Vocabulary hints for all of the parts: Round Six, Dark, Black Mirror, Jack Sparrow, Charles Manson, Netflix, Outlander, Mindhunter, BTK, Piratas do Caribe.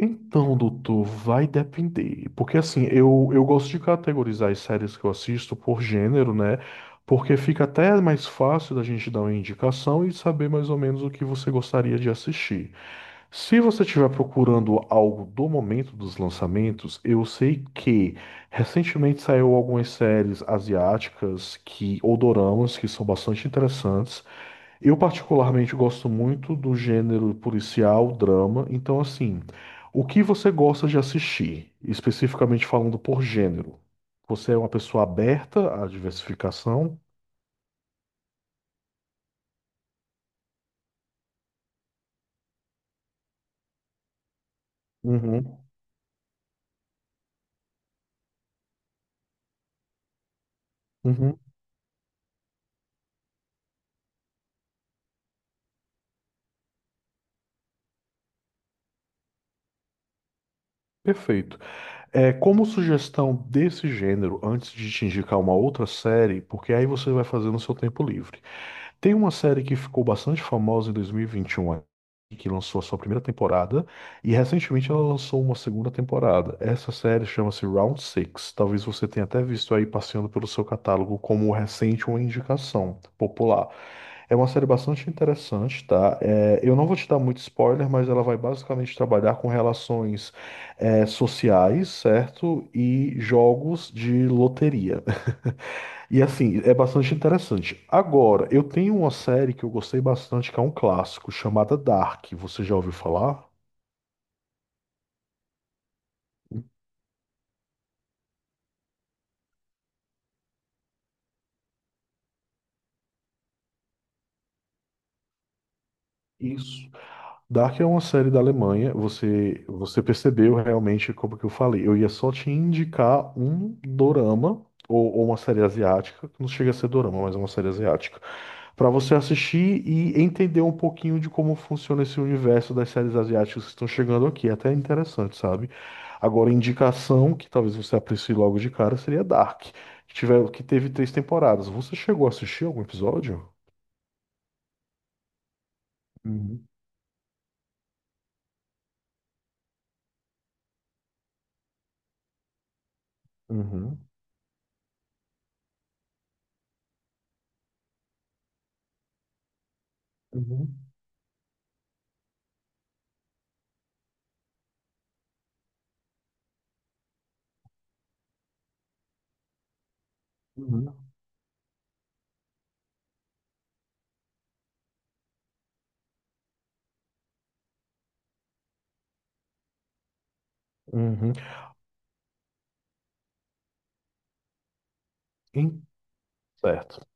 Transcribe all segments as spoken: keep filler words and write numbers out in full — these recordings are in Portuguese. Então, doutor, vai depender. Porque assim, eu, eu gosto de categorizar as séries que eu assisto por gênero, né? Porque fica até mais fácil da gente dar uma indicação e saber mais ou menos o que você gostaria de assistir. Se você estiver procurando algo do momento dos lançamentos, eu sei que recentemente saiu algumas séries asiáticas que, ou doramas que são bastante interessantes. Eu particularmente gosto muito do gênero policial, drama, então assim, o que você gosta de assistir, especificamente falando por gênero? Você é uma pessoa aberta à diversificação? Uhum, uhum, perfeito. É, como sugestão desse gênero, antes de te indicar uma outra série, porque aí você vai fazer no seu tempo livre. Tem uma série que ficou bastante famosa em dois mil e vinte e um, aí, que lançou a sua primeira temporada, e recentemente ela lançou uma segunda temporada. Essa série chama-se Round Six. Talvez você tenha até visto aí passeando pelo seu catálogo como recente uma indicação popular. É uma série bastante interessante, tá? É, eu não vou te dar muito spoiler, mas ela vai basicamente trabalhar com relações, é, sociais, certo? E jogos de loteria. E assim, é bastante interessante. Agora, eu tenho uma série que eu gostei bastante, que é um clássico, chamada Dark. Você já ouviu falar? Isso. Dark é uma série da Alemanha. Você, você percebeu realmente como que eu falei. Eu ia só te indicar um dorama ou, ou uma série asiática, que não chega a ser dorama, mas é uma série asiática, para você assistir e entender um pouquinho de como funciona esse universo das séries asiáticas que estão chegando aqui. É até interessante, sabe? Agora, indicação que talvez você aprecie logo de cara seria Dark, que tiver, que teve três temporadas. Você chegou a assistir algum episódio? Uhum. Uhum. Uhum. Uhum. Uhum. Certo.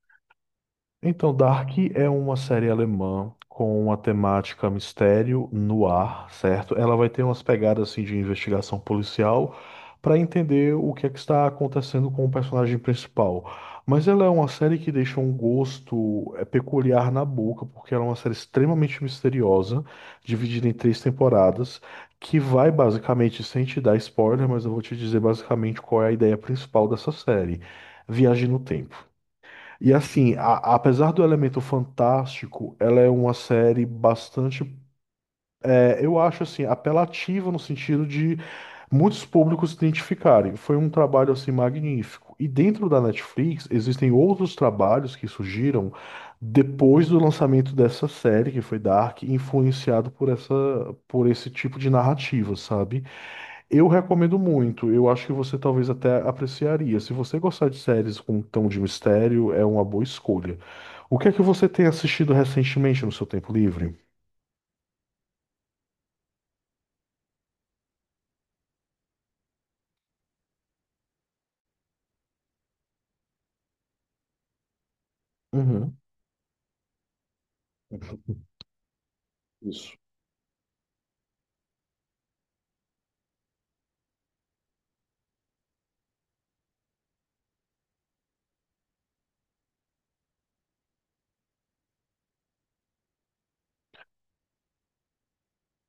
Então, Dark é uma série alemã com uma temática mistério no ar, certo? Ela vai ter umas pegadas assim de investigação policial para entender o que é que está acontecendo com o personagem principal. Mas ela é uma série que deixa um gosto eh, peculiar na boca, porque ela é uma série extremamente misteriosa, dividida em três temporadas, que vai basicamente, sem te dar spoiler, mas eu vou te dizer basicamente qual é a ideia principal dessa série. Viagem no tempo. E assim, a- apesar do elemento fantástico, ela é uma série bastante, é, eu acho assim, apelativa no sentido de muitos públicos se identificarem. Foi um trabalho assim magnífico. E dentro da Netflix existem outros trabalhos que surgiram depois do lançamento dessa série, que foi Dark, influenciado por essa, por esse tipo de narrativa, sabe? Eu recomendo muito. Eu acho que você talvez até apreciaria. Se você gostar de séries com tom de mistério, é uma boa escolha. O que é que você tem assistido recentemente no seu tempo livre? Uhum. Isso.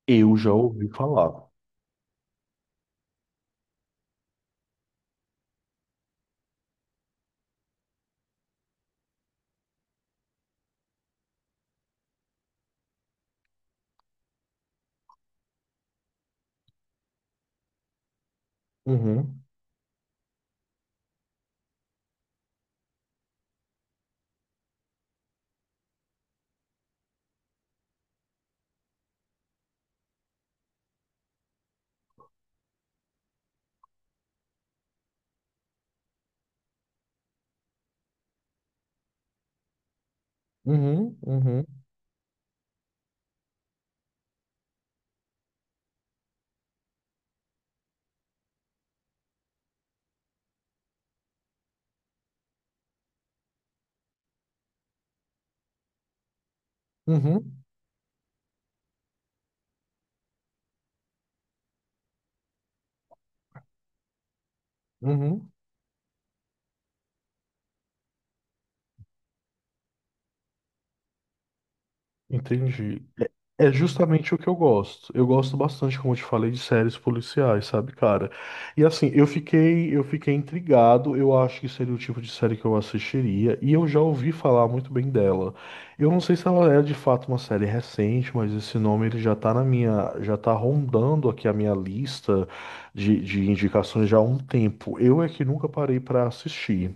Eu já ouvi falar. Uhum. Uhum. Uhum. Uhum. Uhum. Entendi. É justamente o que eu gosto. Eu gosto bastante, como eu te falei, de séries policiais, sabe, cara? E assim, eu fiquei, eu fiquei intrigado. Eu acho que seria o tipo de série que eu assistiria, e eu já ouvi falar muito bem dela. Eu não sei se ela é de fato uma série recente, mas esse nome ele já tá na minha, já tá rondando aqui a minha lista de, de indicações já há um tempo. Eu é que nunca parei pra assistir.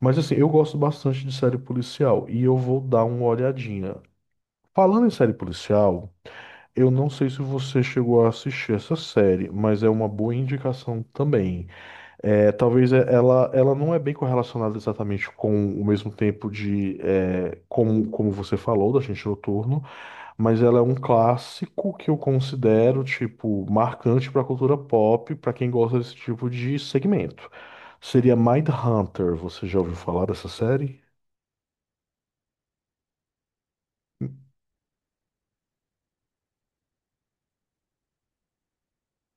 Mas assim, eu gosto bastante de série policial e eu vou dar uma olhadinha. Falando em série policial, eu não sei se você chegou a assistir essa série, mas é uma boa indicação também. É, talvez é- ela, ela não é bem correlacionada exatamente com o mesmo tempo de é, como, como você falou da Gente Noturno, mas ela é um clássico que eu considero tipo marcante para a cultura pop, para quem gosta desse tipo de segmento. Seria Mindhunter. Você já ouviu falar dessa série?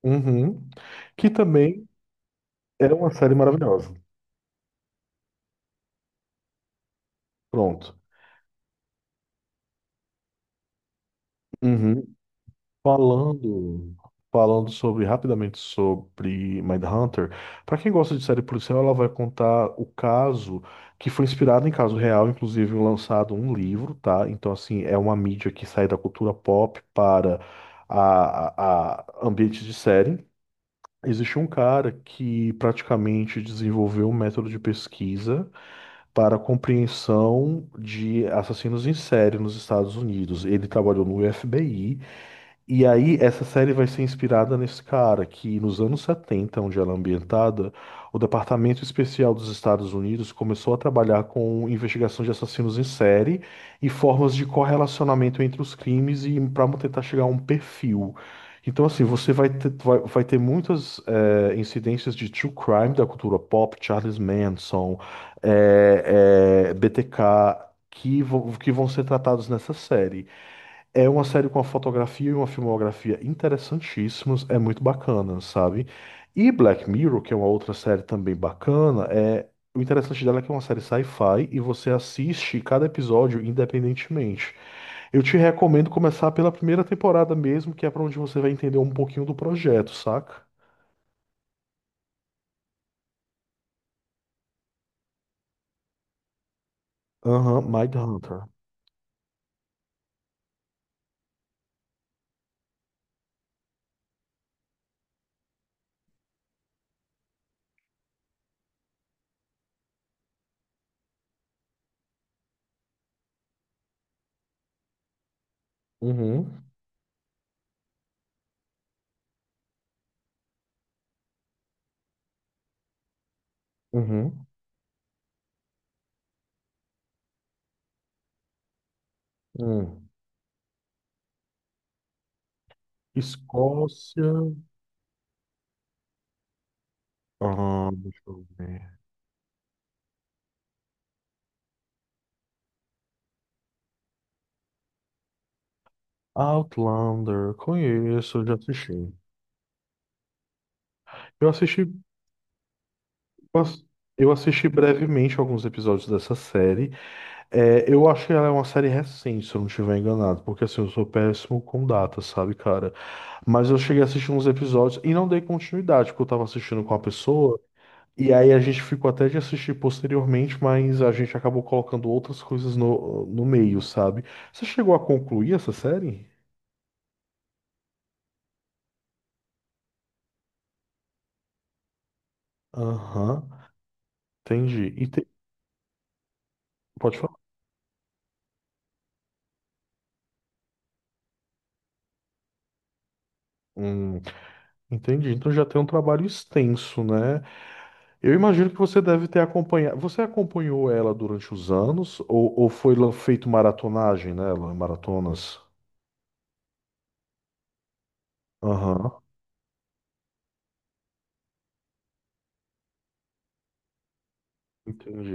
Uhum. Que também é uma série maravilhosa. Pronto. Uhum. Falando, falando sobre rapidamente sobre Mindhunter, para quem gosta de série policial, ela vai contar o caso que foi inspirado em caso real, inclusive lançado um livro, tá? Então assim, é uma mídia que sai da cultura pop para a, a, a ambiente de série. Existe um cara que praticamente desenvolveu um método de pesquisa para a compreensão de assassinos em série nos Estados Unidos. Ele trabalhou no F B I e aí, essa série vai ser inspirada nesse cara que, nos anos setenta, onde ela é ambientada, o Departamento Especial dos Estados Unidos começou a trabalhar com investigação de assassinos em série e formas de correlacionamento entre os crimes e para tentar chegar a um perfil. Então, assim, você vai ter, vai, vai ter muitas eh, incidências de true crime da cultura pop, Charles Manson, eh, eh, B T K, que, vão- que vão ser tratados nessa série. É uma série com uma fotografia e uma filmografia interessantíssimos, é muito bacana, sabe? E Black Mirror, que é uma outra série também bacana, é o interessante dela é que é uma série sci-fi e você assiste cada episódio independentemente. Eu te recomendo começar pela primeira temporada mesmo, que é pra onde você vai entender um pouquinho do projeto, saca? Aham, Mindhunter. Uhum, uhum, uhum. Escócia. Aham, deixa eu ver. Outlander, conheço, já assisti. Eu assisti, bas- eu assisti brevemente alguns episódios dessa série. É, eu acho que ela é uma série recente, se eu não estiver enganado, porque assim, eu sou péssimo com datas, sabe, cara? Mas eu cheguei a assistir uns episódios e não dei continuidade, porque eu tava assistindo com a pessoa, e aí a gente ficou até de assistir posteriormente, mas a gente acabou colocando outras coisas no, no meio, sabe? Você chegou a concluir essa série? Aham, entendi. E te- Pode falar. Hum, entendi. Então já tem um trabalho extenso, né? Eu imagino que você deve ter acompanhado. Você acompanhou ela durante os anos ou, ou foi lan- feito maratonagem nela, maratonas? Aham, entendi.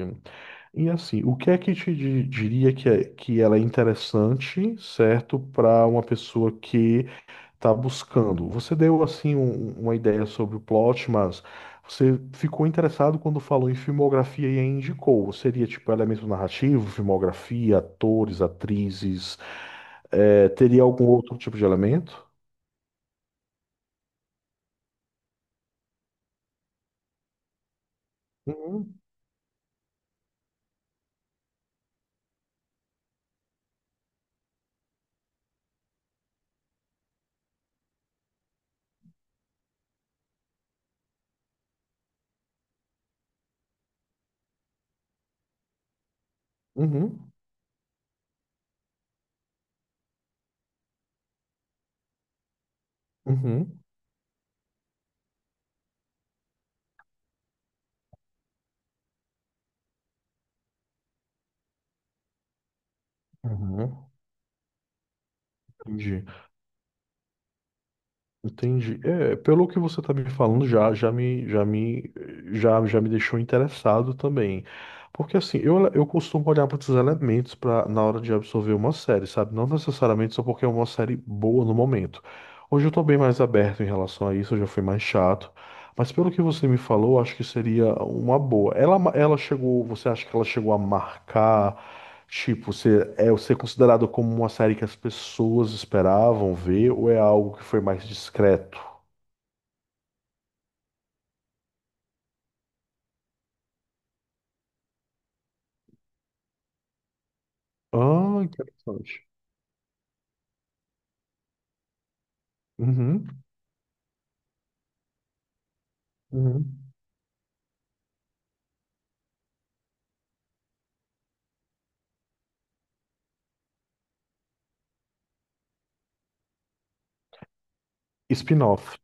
E assim, o que é que te di- diria que, é, que ela é interessante, certo, para uma pessoa que está buscando? Você deu assim um- uma ideia sobre o plot, mas você ficou interessado quando falou em filmografia e aí indicou. Seria tipo elemento narrativo, filmografia, atores, atrizes. É, teria algum outro tipo de elemento? Uhum, uhum, uhum, uhum. Entendi, entendi. É, pelo que você está me falando, já, já me, já me, já, já me deixou interessado também. Porque assim, eu, eu costumo olhar para outros elementos pra, na hora de absorver uma série, sabe? Não necessariamente só porque é uma série boa no momento. Hoje eu estou bem mais aberto em relação a isso, eu já fui mais chato. Mas pelo que você me falou, acho que seria uma boa. Ela, ela chegou, você acha que ela chegou a marcar? Tipo, você é ser considerado como uma série que as pessoas esperavam ver ou é algo que foi mais discreto? Ah, interessante. Uhum, uhum. Spin-off.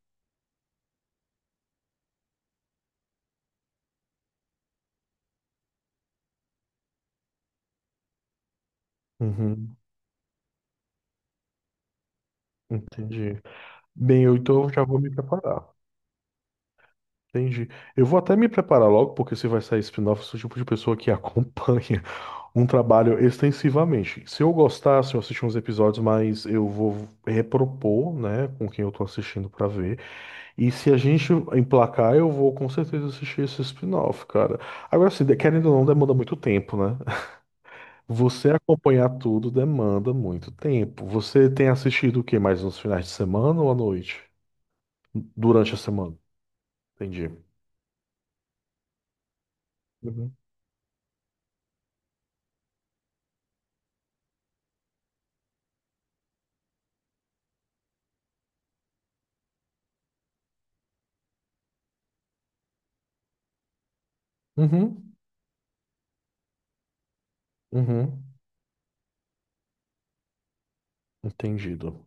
Uhum, entendi. Bem, eu então já vou me preparar. Entendi. Eu vou até me preparar logo, porque se vai sair spin-off, eu sou o tipo de pessoa que acompanha um trabalho extensivamente. Se eu gostasse, eu assisti uns episódios, mas eu vou repropor, né, com quem eu tô assistindo pra ver. E se a gente emplacar, eu vou com certeza assistir esse spin-off, cara. Agora, assim, de- querendo ou não, demanda muito tempo, né? Você acompanhar tudo demanda muito tempo. Você tem assistido o que mais nos finais de semana ou à noite? Durante a semana? Entendi. Uhum. Uhum. Uhum. Entendido.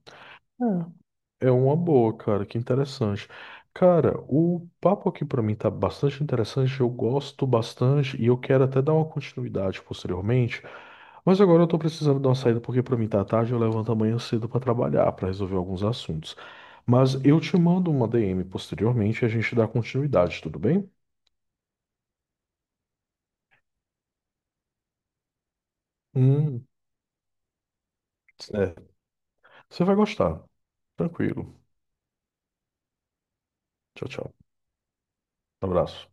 É uma boa, cara, que interessante. Cara, o papo aqui pra mim tá bastante interessante, eu gosto bastante e eu quero até dar uma continuidade posteriormente. Mas agora eu tô precisando dar uma saída porque pra mim tá tarde, eu levanto amanhã cedo pra trabalhar, pra resolver alguns assuntos. Mas eu te mando uma D M posteriormente e a gente dá continuidade, tudo bem? Hum, é. Você vai gostar. Tranquilo. Tchau, tchau. Abraço.